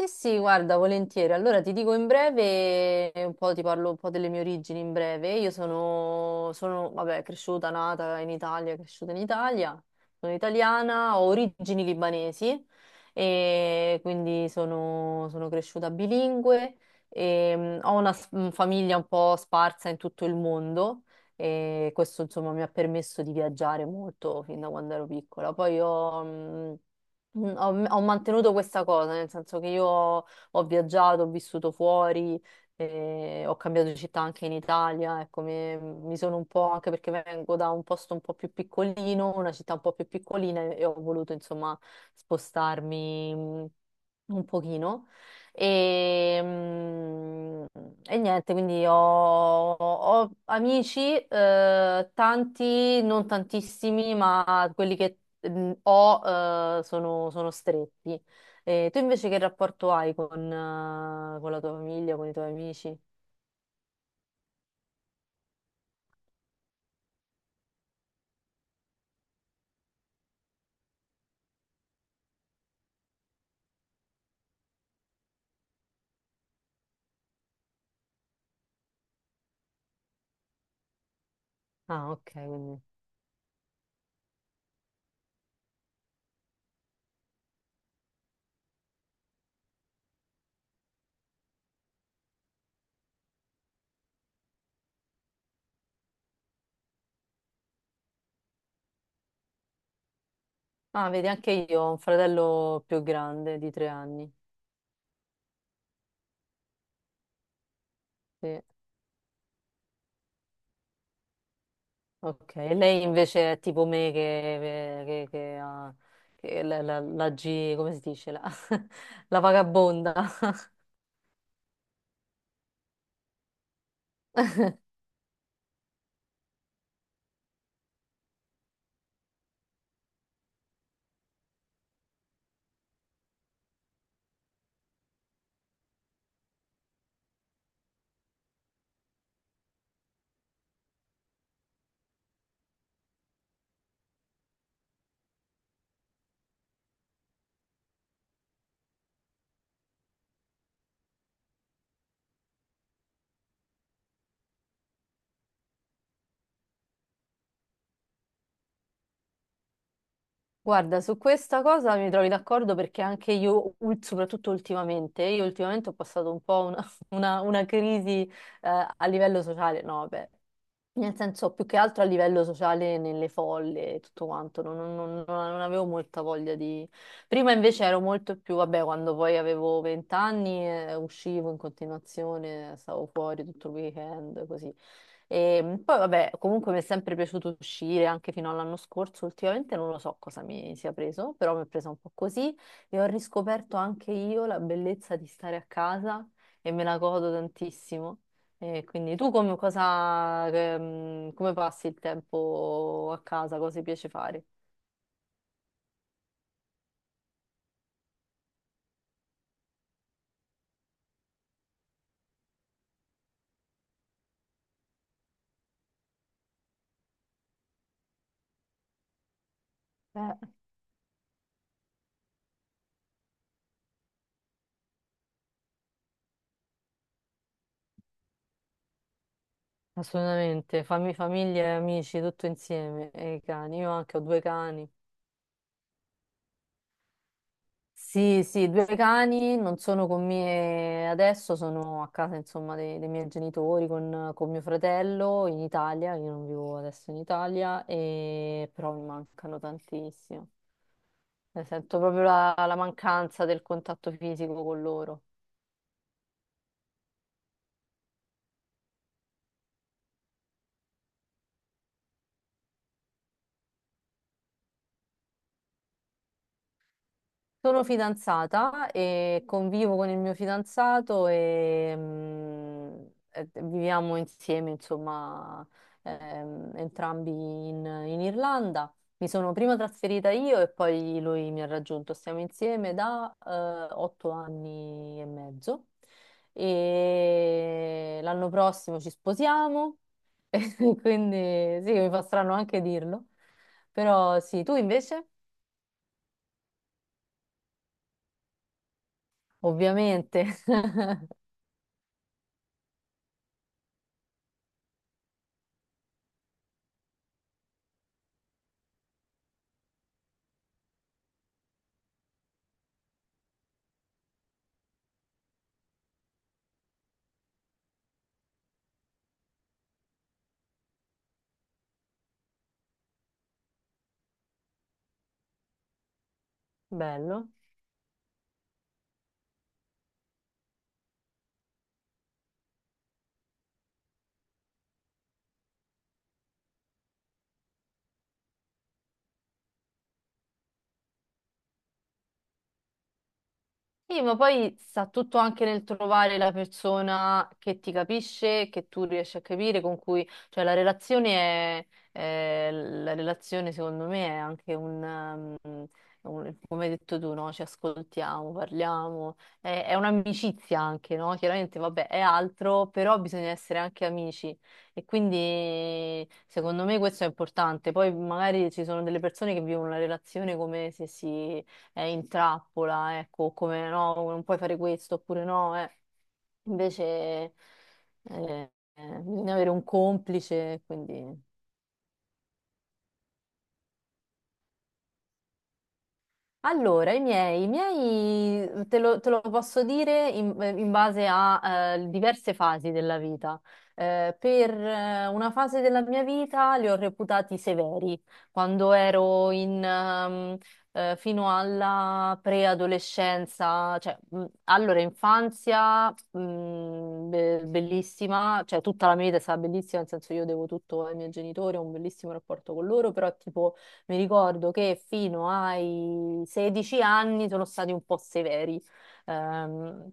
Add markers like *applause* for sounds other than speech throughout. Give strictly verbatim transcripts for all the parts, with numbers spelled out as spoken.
Sì, sì, guarda, volentieri. Allora ti dico in breve, eh, un po' ti parlo un po' delle mie origini in breve. Io sono, sono, vabbè, cresciuta, nata in Italia, cresciuta in Italia, sono italiana, ho origini libanesi e quindi sono, sono cresciuta bilingue e mm, ho una s- mm, famiglia un po' sparsa in tutto il mondo e questo insomma mi ha permesso di viaggiare molto fin da quando ero piccola. Poi ho... mh, Mm, Ho, ho mantenuto questa cosa, nel senso che io ho viaggiato, ho vissuto fuori, eh, ho cambiato città anche in Italia, ecco, mi, mi sono un po', anche perché vengo da un posto un po' più piccolino, una città un po' più piccolina e e ho voluto insomma spostarmi mm, un pochino. E, mm, e niente, quindi ho, ho amici, eh, tanti, non tantissimi, ma quelli che mm, o eh, sono, sono stretti. Eh, tu invece che rapporto hai con, eh, con la tua famiglia, con i tuoi amici? Ah, ok, quindi. Ah, vedi, anche io ho un fratello più grande di tre anni. Sì. Ok, e lei invece è tipo me che, che- che ha che la, la- la G, come si dice? La, *laughs* la vagabonda. Guarda, su questa cosa mi trovi d'accordo perché anche io, ul- soprattutto ultimamente, io ultimamente ho passato un po' una, *laughs* una- una crisi eh, a livello sociale, no, vabbè, nel senso, più che altro a livello sociale nelle folle e tutto quanto, no, non, non- non- non avevo molta voglia di... Prima invece ero molto più, vabbè, quando poi avevo vent'anni eh, uscivo in continuazione, stavo fuori tutto il weekend, così. E mh, poi, vabbè, comunque mi è sempre piaciuto uscire, anche fino all'anno scorso, ultimamente non lo so cosa mi sia preso, però mi è presa un po' così e ho riscoperto anche io la bellezza di stare a casa e me la godo tantissimo. E quindi tu come, cosa, che, mm, come passi il tempo a casa? Cosa ti piace fare? Beh. Assolutamente, fami- famiglia, e amici, tutto insieme. E i cani, io anche ho due cani. Sì, sì, due cani non sono con me adesso, sono a casa insomma dei, dei miei genitori con, con mio fratello in Italia, io non vivo adesso in Italia, e... però mi mancano tantissimo. Ne sento proprio la la mancanza del contatto fisico con loro. Sono fidanzata e convivo con il mio fidanzato e mm, eh, viviamo insieme, insomma, ehm, entrambi in, in Irlanda. Mi sono prima trasferita io e poi lui mi ha raggiunto. Stiamo insieme da eh, otto anni e mezzo e l'anno prossimo ci sposiamo, *laughs* quindi sì, mi fa strano anche dirlo, però sì, tu invece, ovviamente. *laughs* Bello. Sì, ma poi sta tutto anche nel trovare la persona che ti capisce, che tu riesci a capire, con cui, cioè la relazione è, è- la relazione secondo me è anche un, um, un- come hai detto tu, no? Ci ascoltiamo, parliamo, è, è un'amicizia anche, no? Chiaramente, vabbè, è altro, però bisogna essere anche amici e quindi secondo me questo è importante. Poi magari ci sono delle persone che vivono la relazione come se si eh, in trappola, ecco, come no, non puoi fare questo oppure no, eh. Invece eh, eh, bisogna avere un complice, quindi... Allora, i miei, i miei mhmm, te lo, te lo posso dire in, eh, in base a eh, diverse fasi della vita. Eh, per eh, una fase della mia vita li ho reputati severi, quando ero in, ehm, eh, fino alla preadolescenza, cioè mh, allora infanzia mh, be- bellissima, cioè tutta la mia vita è stata bellissima, nel senso io devo tutto ai miei genitori, ho un bellissimo rapporto con loro, però tipo mi ricordo che fino ai sedici anni sono stati un po' severi. Ehm,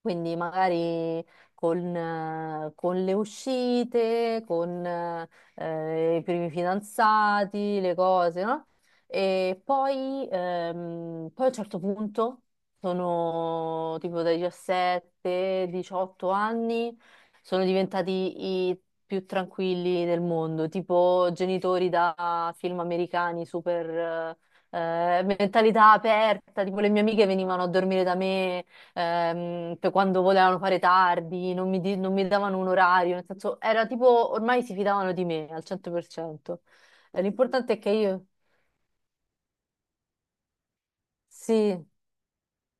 quindi magari con, eh, con le uscite, con eh, i primi fidanzati, le cose, no? E poi, ehm, poi a un certo punto sono tipo dai diciassette, diciotto anni sono diventati i più tranquilli del mondo, tipo genitori da film americani, super eh, mentalità aperta, tipo le mie amiche venivano a dormire da me ehm, per quando volevano fare tardi, non mi, di- non mi davano un orario, nel senso era tipo ormai si fidavano di me al cento per cento. Eh, L'importante è che io... Sì,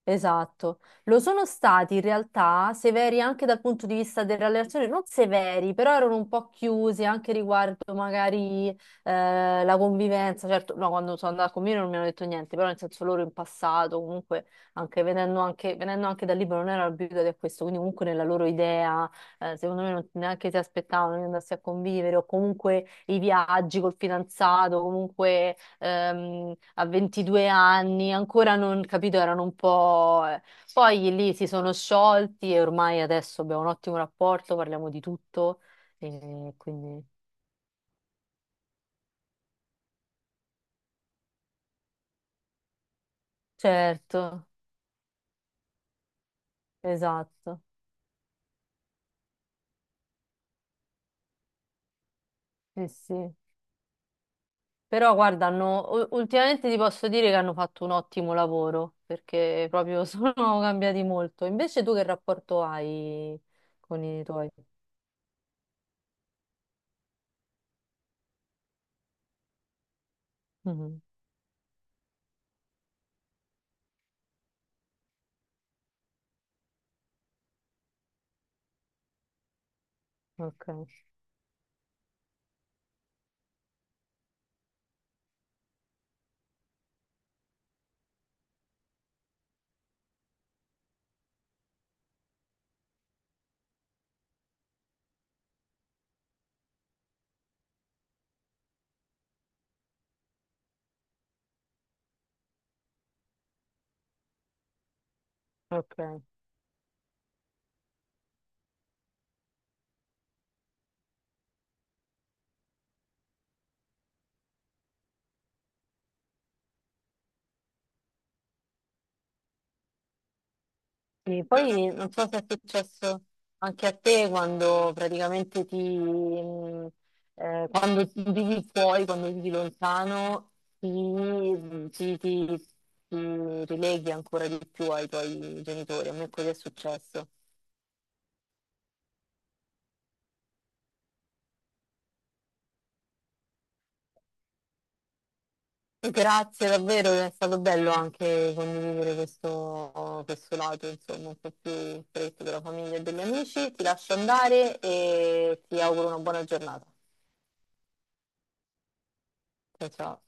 esatto, lo sono stati in realtà severi anche dal punto di vista delle relazioni, non severi, però erano un po' chiusi anche riguardo magari eh, la convivenza, certo, no, quando sono andata con me non mi hanno detto niente, però nel senso loro in passato comunque, anche venendo anche, venendo anche dal libro, non erano abituati a questo, quindi comunque nella loro idea, eh, secondo me non, neanche si aspettavano di andarsi a convivere o comunque i viaggi col fidanzato, comunque ehm, a ventidue anni, ancora non capito, erano un po'... eh. Poi lì si sono sciolti e ormai adesso abbiamo un ottimo rapporto, parliamo di tutto, e quindi... Certo, esatto, sì, sì. Però guarda, hanno- u- ultimamente ti posso dire che hanno fatto un ottimo lavoro, perché proprio *laughs* sono cambiati molto. Invece tu che rapporto hai con i tuoi? Mhm. Ok, ok. Sì, poi non so se è successo anche a te quando praticamente ti, mh, eh, quando vivi fuori, quando vivi lontano, ti, mh, ti- ti- ti rileghi ancora di più ai tuoi genitori. A me così è successo. Grazie davvero, è stato bello anche condividere questo, questo lato, insomma, un po' più stretto della famiglia e degli amici. Ti lascio andare e ti auguro una buona giornata. Ciao ciao.